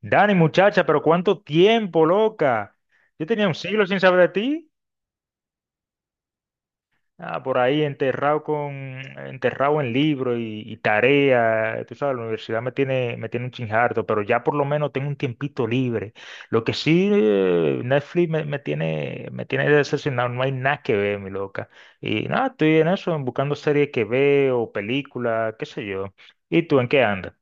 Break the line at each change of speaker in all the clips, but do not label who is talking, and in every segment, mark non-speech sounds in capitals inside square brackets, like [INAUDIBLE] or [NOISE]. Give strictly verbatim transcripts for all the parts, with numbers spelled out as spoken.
Dani, muchacha, pero cuánto tiempo, loca. Yo tenía un siglo sin saber de ti. Ah, por ahí enterrado con, enterrado en libros y, y tarea. Tú sabes, la universidad me tiene, me tiene un chinjardo, pero ya por lo menos tengo un tiempito libre. Lo que sí, eh, Netflix me, me tiene, me tiene decepcionado. No hay nada que ver, mi loca. Y nada, estoy en eso, buscando series que veo, películas, qué sé yo. ¿Y tú en qué andas?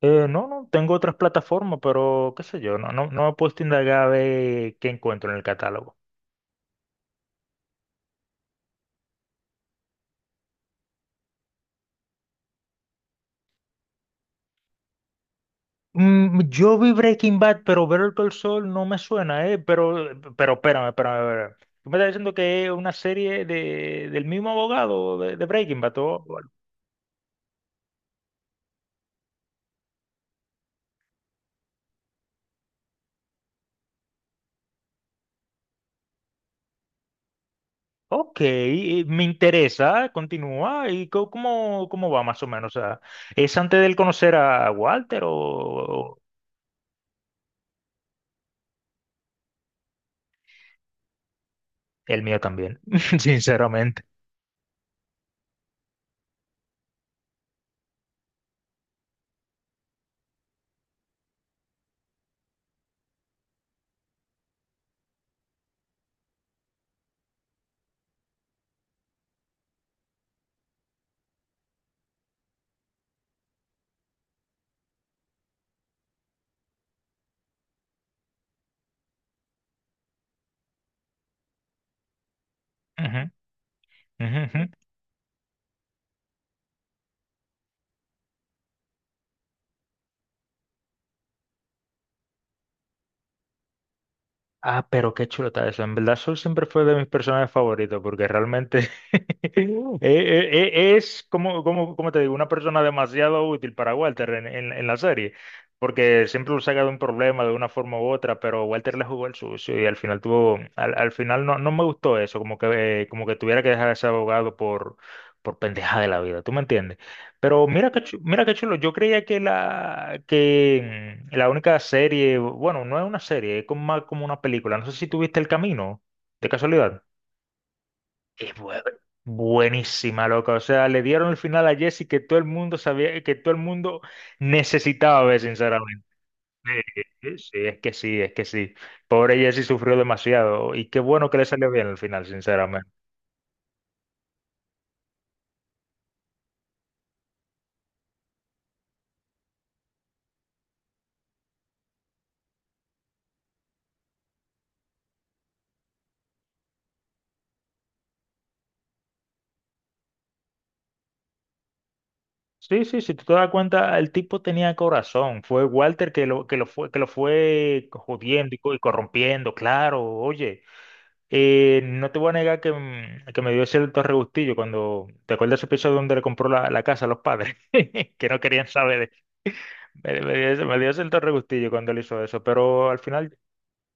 Eh, no, no, tengo otras plataformas, pero qué sé yo, no, no, no me he puesto a indagar a ver qué encuentro en el catálogo. Mm, yo vi Breaking Bad, pero Better Call Saul no me suena, ¿eh? Pero, pero espérame, espérame, espérame. Tú me estás diciendo que es una serie de, del mismo abogado de, de Breaking Bad. o- Ok, eh, me interesa, continúa. ¿Y co- cómo, cómo va más o menos? O sea, ¿es antes de él conocer a Walter o o el mío también? [LAUGHS] Sinceramente. Ujú, ujú, ujú. Ah, pero qué chulo está eso. En verdad, Sol siempre fue de mis personajes favoritos porque realmente. [LAUGHS] Eh, eh, eh, Es como, como, como te digo, una persona demasiado útil para Walter en, en- en la serie, porque siempre lo saca de un problema de una forma u otra, pero Walter le jugó el sucio y al final tuvo, al, al final no, no me gustó eso, como que, eh, como que tuviera que dejar a ese abogado por, por pendeja de la vida, ¿tú me entiendes? Pero mira qué, chu- mira qué chulo, yo creía que la, que mm, la única serie, bueno, no es una serie, es como más como una película, no sé si tuviste El Camino, de casualidad. Es bue- buenísima, loca. O sea, le dieron el final a Jesse que todo el mundo sabía, que todo el mundo necesitaba ver, sinceramente. Sí, sí, es que sí, es que sí. Pobre Jesse sufrió demasiado. Y qué bueno que le salió bien al final, sinceramente. Sí, sí, si tú te das cuenta, el tipo tenía corazón. Fue Walter que lo, que lo fue, que lo fue jodiendo y, co- y corrompiendo, claro. Oye, Eh, no te voy a negar que, mm, que me dio cierto regustillo cuando te acuerdas ese episodio donde le compró la, la casa a los padres, [LAUGHS] que no querían saber. de- Me, me dio, ese- me dio cierto regustillo cuando él hizo eso, pero al final,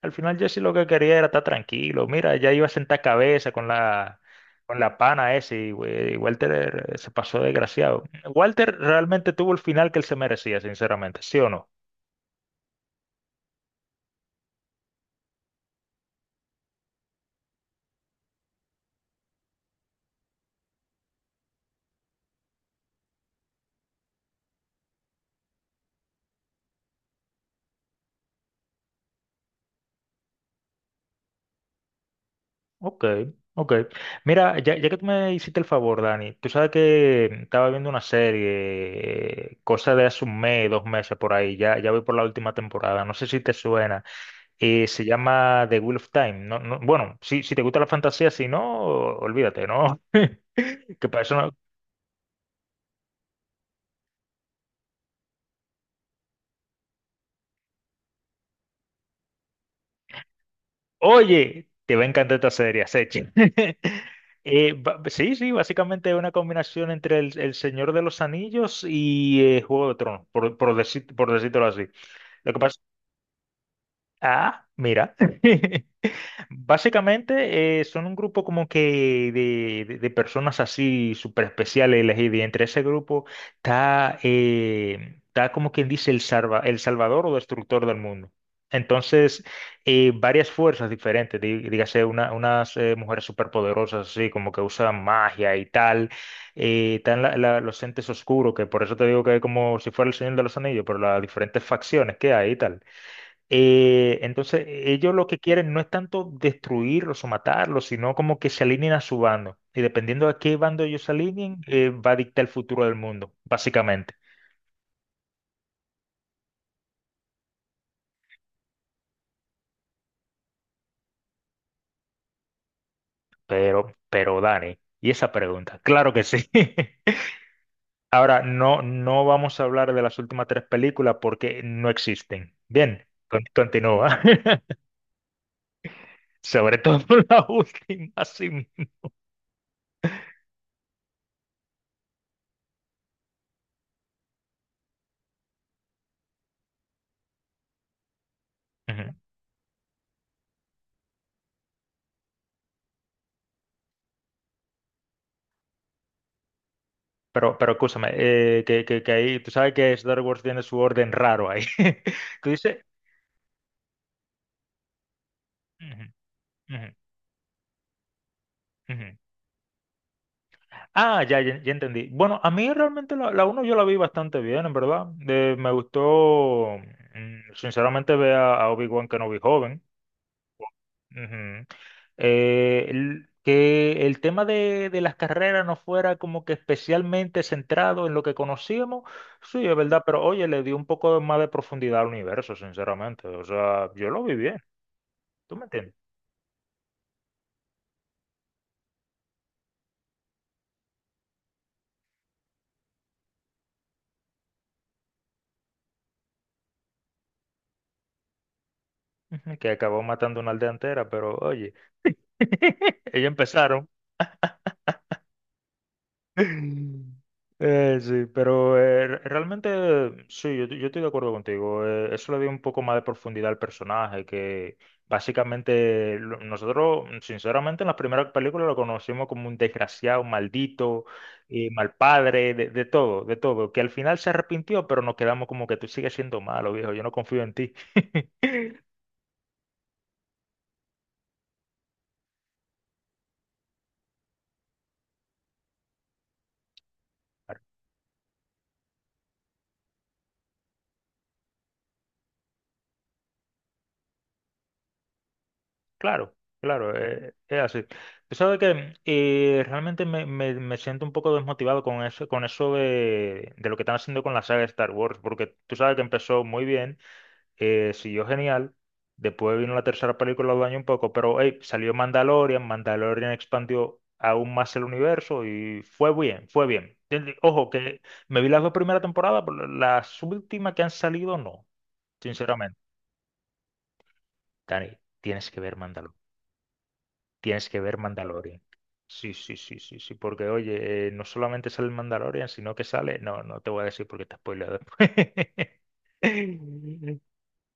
al final Jesse lo que quería era estar tranquilo. Mira, ya iba a sentar cabeza con la, con la pana ese y, we- y Walter, eh, se pasó desgraciado. Walter realmente tuvo el final que él se merecía, sinceramente, ¿sí o no? Ok, ok. Mira, ya, ya que tú me hiciste el favor, Dani, tú sabes que estaba viendo una serie, eh, cosa de hace un mes, dos meses por ahí, ya, ya voy por la última temporada, no sé si te suena, eh, se llama The Wheel of Time, no, no- bueno, si, si te gusta la fantasía, si no, olvídate, ¿no? [LAUGHS] Que para eso no- Oye, te va a encantar esta serie, Sechi. [LAUGHS] Eh, ba- sí, sí, básicamente es una combinación entre el, el Señor de los Anillos y, eh, Juego de Tronos, por, por, decir- por decírtelo así. Ah, mira. [LAUGHS] Básicamente, eh, son un grupo como que de, de- de personas así súper especiales elegidas. Y entre ese grupo está, eh, está como quien dice el, salva- el salvador o destructor del mundo. Entonces, eh, varias fuerzas diferentes, dí- dígase una- unas, eh, mujeres superpoderosas así, como que usan magia y tal. Eh, están la- la- los entes oscuros, que por eso te digo que es como si fuera el Señor de los Anillos, pero las diferentes facciones que hay y tal. Eh, entonces, e, ellos lo que quieren no es tanto destruirlos o matarlos, sino como que se alineen a su bando. Y dependiendo a qué bando ellos se alineen, eh, va a dictar el futuro del mundo, básicamente. Pero, pero Dani, ¿y esa pregunta? Claro que sí. [LAUGHS] Ahora, no, no vamos a hablar de las últimas tres películas porque no existen. Bien, con- continúa. [LAUGHS] Sobre todo [LAUGHS] la última, sí. Ujú. Pero, pero escúchame, eh, que, que, que ahí, tú sabes que Star Wars tiene su orden raro ahí. [LAUGHS] Tú dices: "Ujú, ujú, ujú". Ah, ya, ya, ya entendí. Bueno, a mí realmente la, la uno yo la vi bastante bien, en verdad. Eh, me gustó, mm, sinceramente, ver a, a Obi-Wan Kenobi joven. Ujú. Eh, el- que el tema de, de las carreras no fuera como que especialmente centrado en lo que conocíamos, sí, es verdad, pero oye, le dio un poco más de profundidad al universo, sinceramente. O sea, yo lo vi bien. ¿Tú me entiendes? Ujú. Que acabó matando una aldea entera, pero oye, [LAUGHS] ellos empezaron. [LAUGHS] Eh, sí, pero eh, re- realmente sí, yo, yo estoy de acuerdo contigo. Eh, eso le dio un poco más de profundidad al personaje, que básicamente lo- nosotros, sinceramente, en las primeras películas lo conocimos como un desgraciado, un maldito, eh, mal padre, de, de todo, de todo, que al final se arrepintió, pero nos quedamos como que tú sigues siendo malo, viejo, yo no confío en ti. [LAUGHS] Claro, claro, eh, es así. Tú sabes que, eh, realmente me, me- me siento un poco desmotivado con eso, con eso, de, de lo que están haciendo con la saga de Star Wars, porque tú sabes que empezó muy bien, eh, siguió genial, después vino la tercera película, lo dañó un poco, pero hey, salió Mandalorian. Mandalorian expandió aún más el universo y fue bien, fue bien. Entiende- Ojo, que me vi las dos primeras temporadas, pero las últimas que han salido no, sinceramente. Dani, tienes que ver Mandalorian. Tienes que ver Mandalorian. Sí, sí, sí, sí, sí, porque oye, eh, no solamente sale el Mandalorian, sino que sale, no, no te voy a decir porque te spoileo después. [LAUGHS]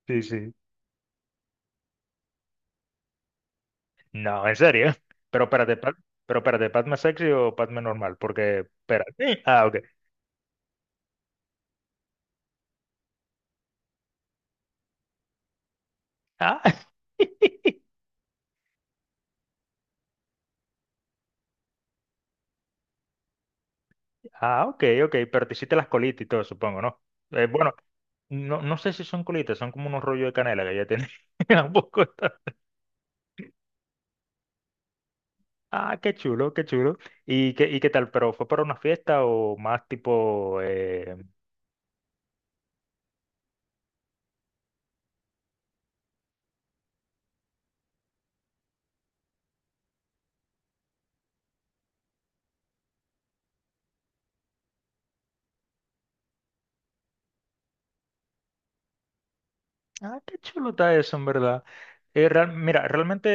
Sí, sí. No, en serio. Pero espérate, Pat- pero espérate, ¿Padme sexy o Padme normal? Porque, espérate. Ah, ok. Ah, [LAUGHS] ah, ok, ok, pero te hiciste las colitas y todo, supongo, ¿no? Eh, bueno, no, no sé si son colitas, son como unos rollos de canela que ya tenía [LAUGHS] un poco. Ah, qué chulo, qué chulo. ¿Y qué, y qué tal? ¿Pero fue para una fiesta o más tipo... eh, Ah, qué chulo está eso, en verdad. Eh, real- Mira, realmente,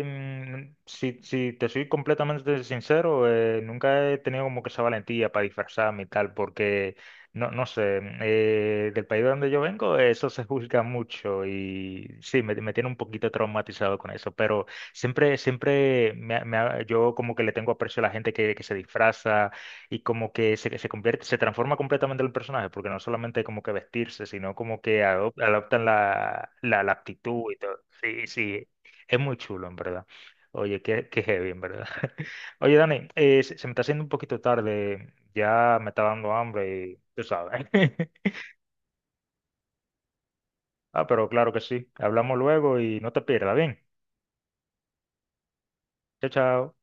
eh, si, si te soy completamente sincero, eh, nunca he tenido como que esa valentía para disfrazarme y tal, porque, no, no sé, eh, del país de donde yo vengo, eh, eso se juzga mucho y sí, me, me tiene un poquito traumatizado con eso, pero siempre, siempre me ha- me ha- yo como que le tengo aprecio a la gente que, que se disfraza y como que se, se convierte, se transforma completamente el personaje, porque no solamente como que vestirse, sino como que adop- adoptan la, la, la actitud y todo. Sí, sí, es muy chulo, en verdad. Oye, qué, qué heavy, en verdad. [LAUGHS] Oye, Dani, eh, se, se me está haciendo un poquito tarde, ya me está dando hambre y tú sabes. [LAUGHS] Ah, pero claro que sí. Hablamos luego y no te pierdas, ¿bien? Chao, chao.